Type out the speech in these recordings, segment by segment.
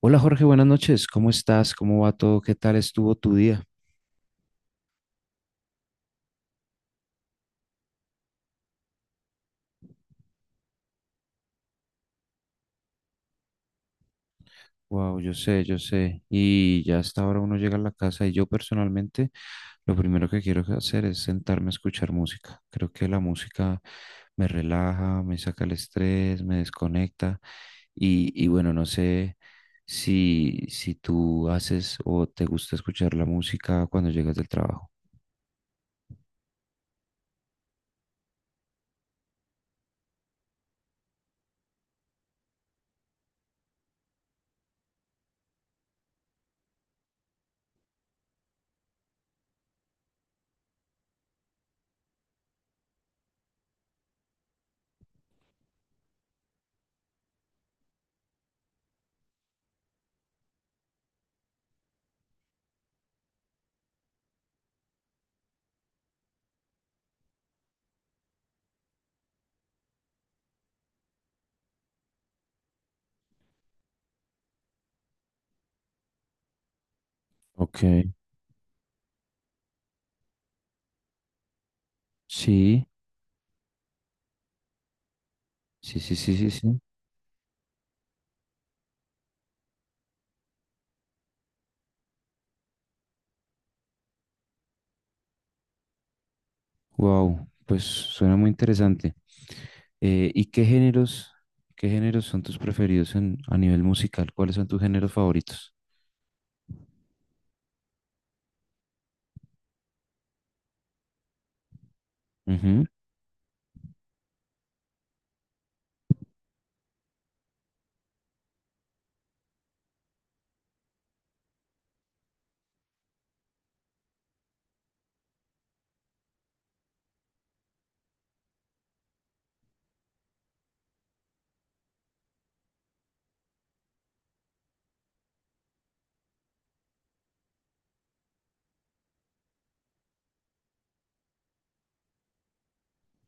Hola Jorge, buenas noches. ¿Cómo estás? ¿Cómo va todo? ¿Qué tal estuvo tu día? Wow, yo sé, yo sé. Y ya hasta ahora uno llega a la casa y yo personalmente lo primero que quiero hacer es sentarme a escuchar música. Creo que la música me relaja, me saca el estrés, me desconecta. Y, bueno, no sé si tú haces o te gusta escuchar la música cuando llegas del trabajo. Ok, sí, sí, sí, sí, sí, sí. Wow, pues suena muy interesante. ¿Y qué géneros son tus preferidos a nivel musical? ¿Cuáles son tus géneros favoritos?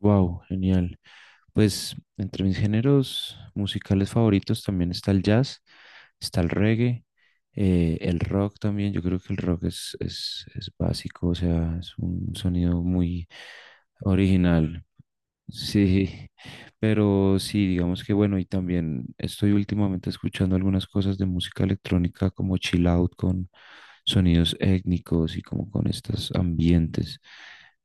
Wow, genial. Pues entre mis géneros musicales favoritos también está el jazz, está el reggae, el rock también. Yo creo que el rock es básico, o sea, es un sonido muy original. Sí, pero sí, digamos que bueno, y también estoy últimamente escuchando algunas cosas de música electrónica como chill out con sonidos étnicos y como con estos ambientes.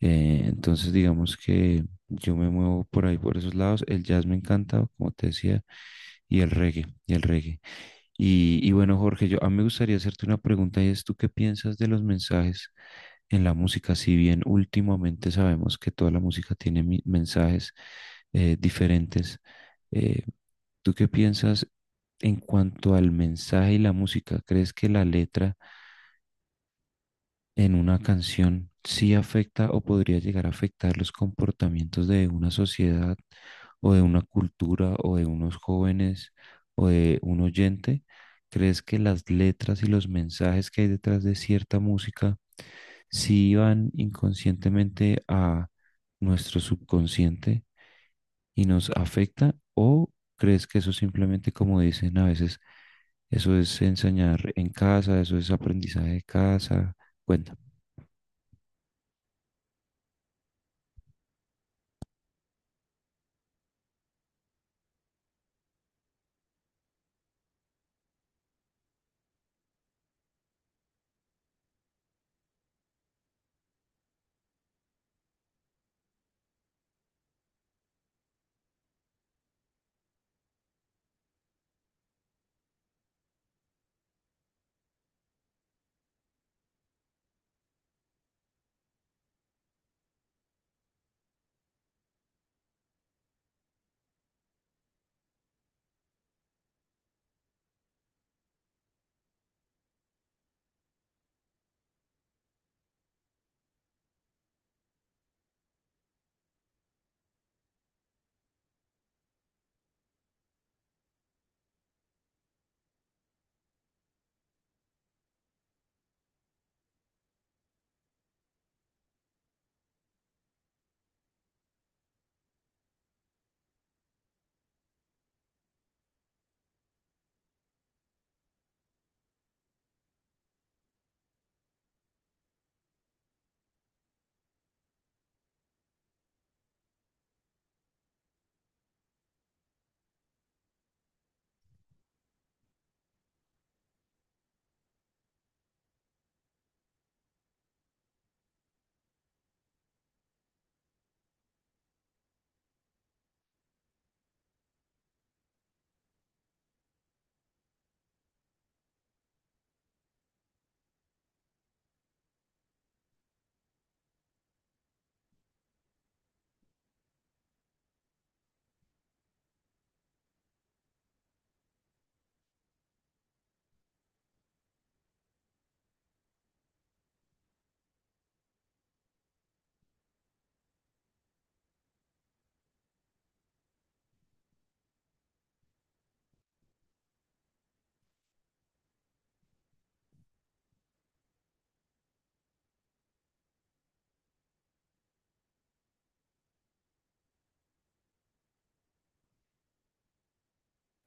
Entonces, digamos que yo me muevo por ahí, por esos lados. El jazz me encanta, como te decía, y el reggae, y el reggae. Y bueno, Jorge, yo a mí me gustaría hacerte una pregunta y es, ¿tú qué piensas de los mensajes en la música? Si bien últimamente sabemos que toda la música tiene mensajes diferentes, eh, ¿tú qué piensas en cuanto al mensaje y la música? ¿Crees que la letra en una canción sí afecta o podría llegar a afectar los comportamientos de una sociedad o de una cultura o de unos jóvenes o de un oyente? ¿Crees que las letras y los mensajes que hay detrás de cierta música si van inconscientemente a nuestro subconsciente y nos afecta, o crees que eso simplemente, como dicen a veces, eso es enseñar en casa, eso es aprendizaje de casa? Cuéntame.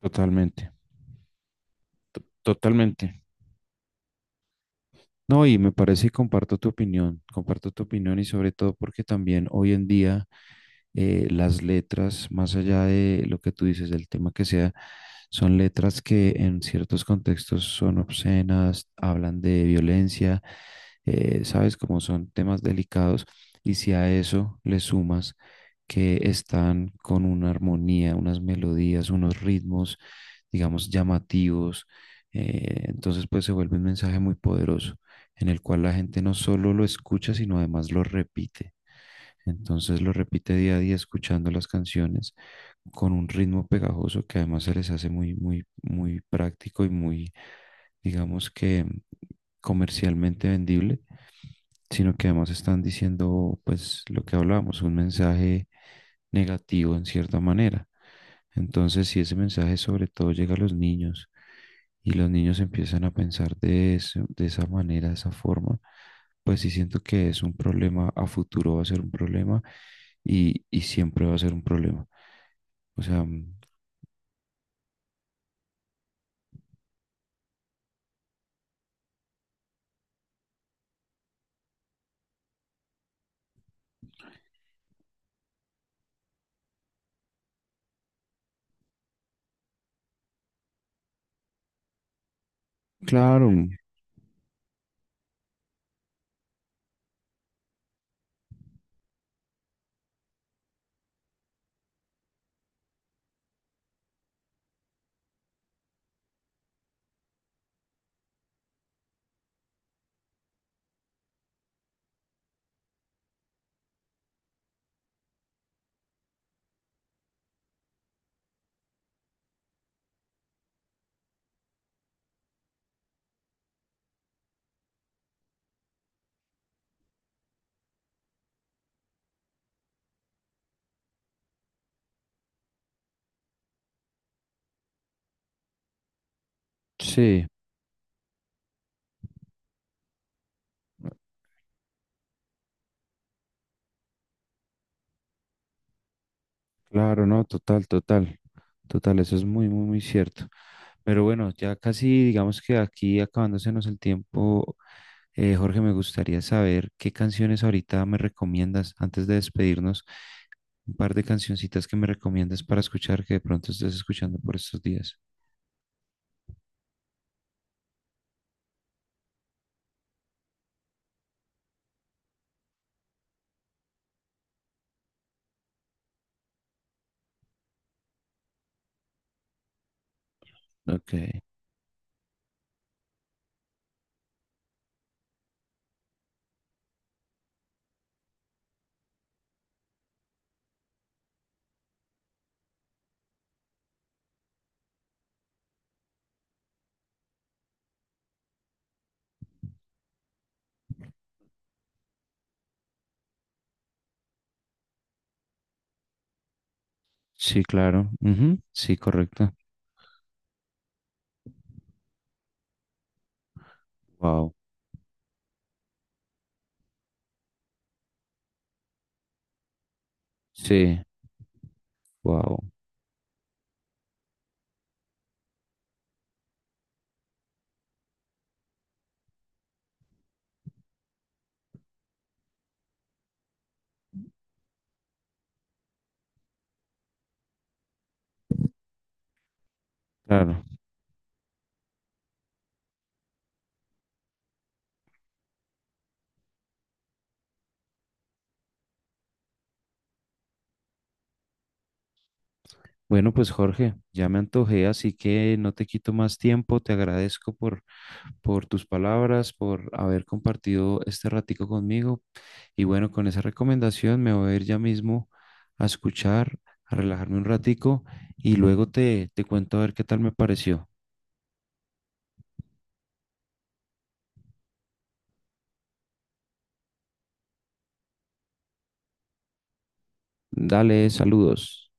Totalmente, totalmente. No, y me parece y comparto tu opinión, comparto tu opinión, y sobre todo porque también hoy en día las letras, más allá de lo que tú dices, del tema que sea, son letras que en ciertos contextos son obscenas, hablan de violencia, sabes, como son temas delicados, y si a eso le sumas que están con una armonía, unas melodías, unos ritmos, digamos, llamativos, entonces pues se vuelve un mensaje muy poderoso en el cual la gente no solo lo escucha, sino además lo repite. Entonces lo repite día a día escuchando las canciones con un ritmo pegajoso que además se les hace muy, muy, muy práctico y muy, digamos que comercialmente vendible, sino que además están diciendo pues lo que hablábamos, un mensaje negativo en cierta manera. Entonces, si ese mensaje sobre todo llega a los niños y los niños empiezan a pensar de, eso, de esa manera, de esa forma, pues sí siento que es un problema, a futuro va a ser un problema y siempre va a ser un problema. O sea, claro, sí, claro, no, total, total, total, eso es muy, muy, muy cierto. Pero bueno, ya casi digamos que aquí acabándosenos el tiempo, Jorge, me gustaría saber qué canciones ahorita me recomiendas antes de despedirnos, un par de cancioncitas que me recomiendas para escuchar que de pronto estés escuchando por estos días. Ok. Sí, claro. Ujú. Sí, correcto. Wow. Sí, wow. Claro. Bueno, pues Jorge, ya me antojé, así que no te quito más tiempo. Te agradezco por tus palabras, por haber compartido este ratico conmigo. Y bueno, con esa recomendación me voy a ir ya mismo a escuchar, a relajarme un ratico y luego te, te cuento a ver qué tal me pareció. Dale, saludos.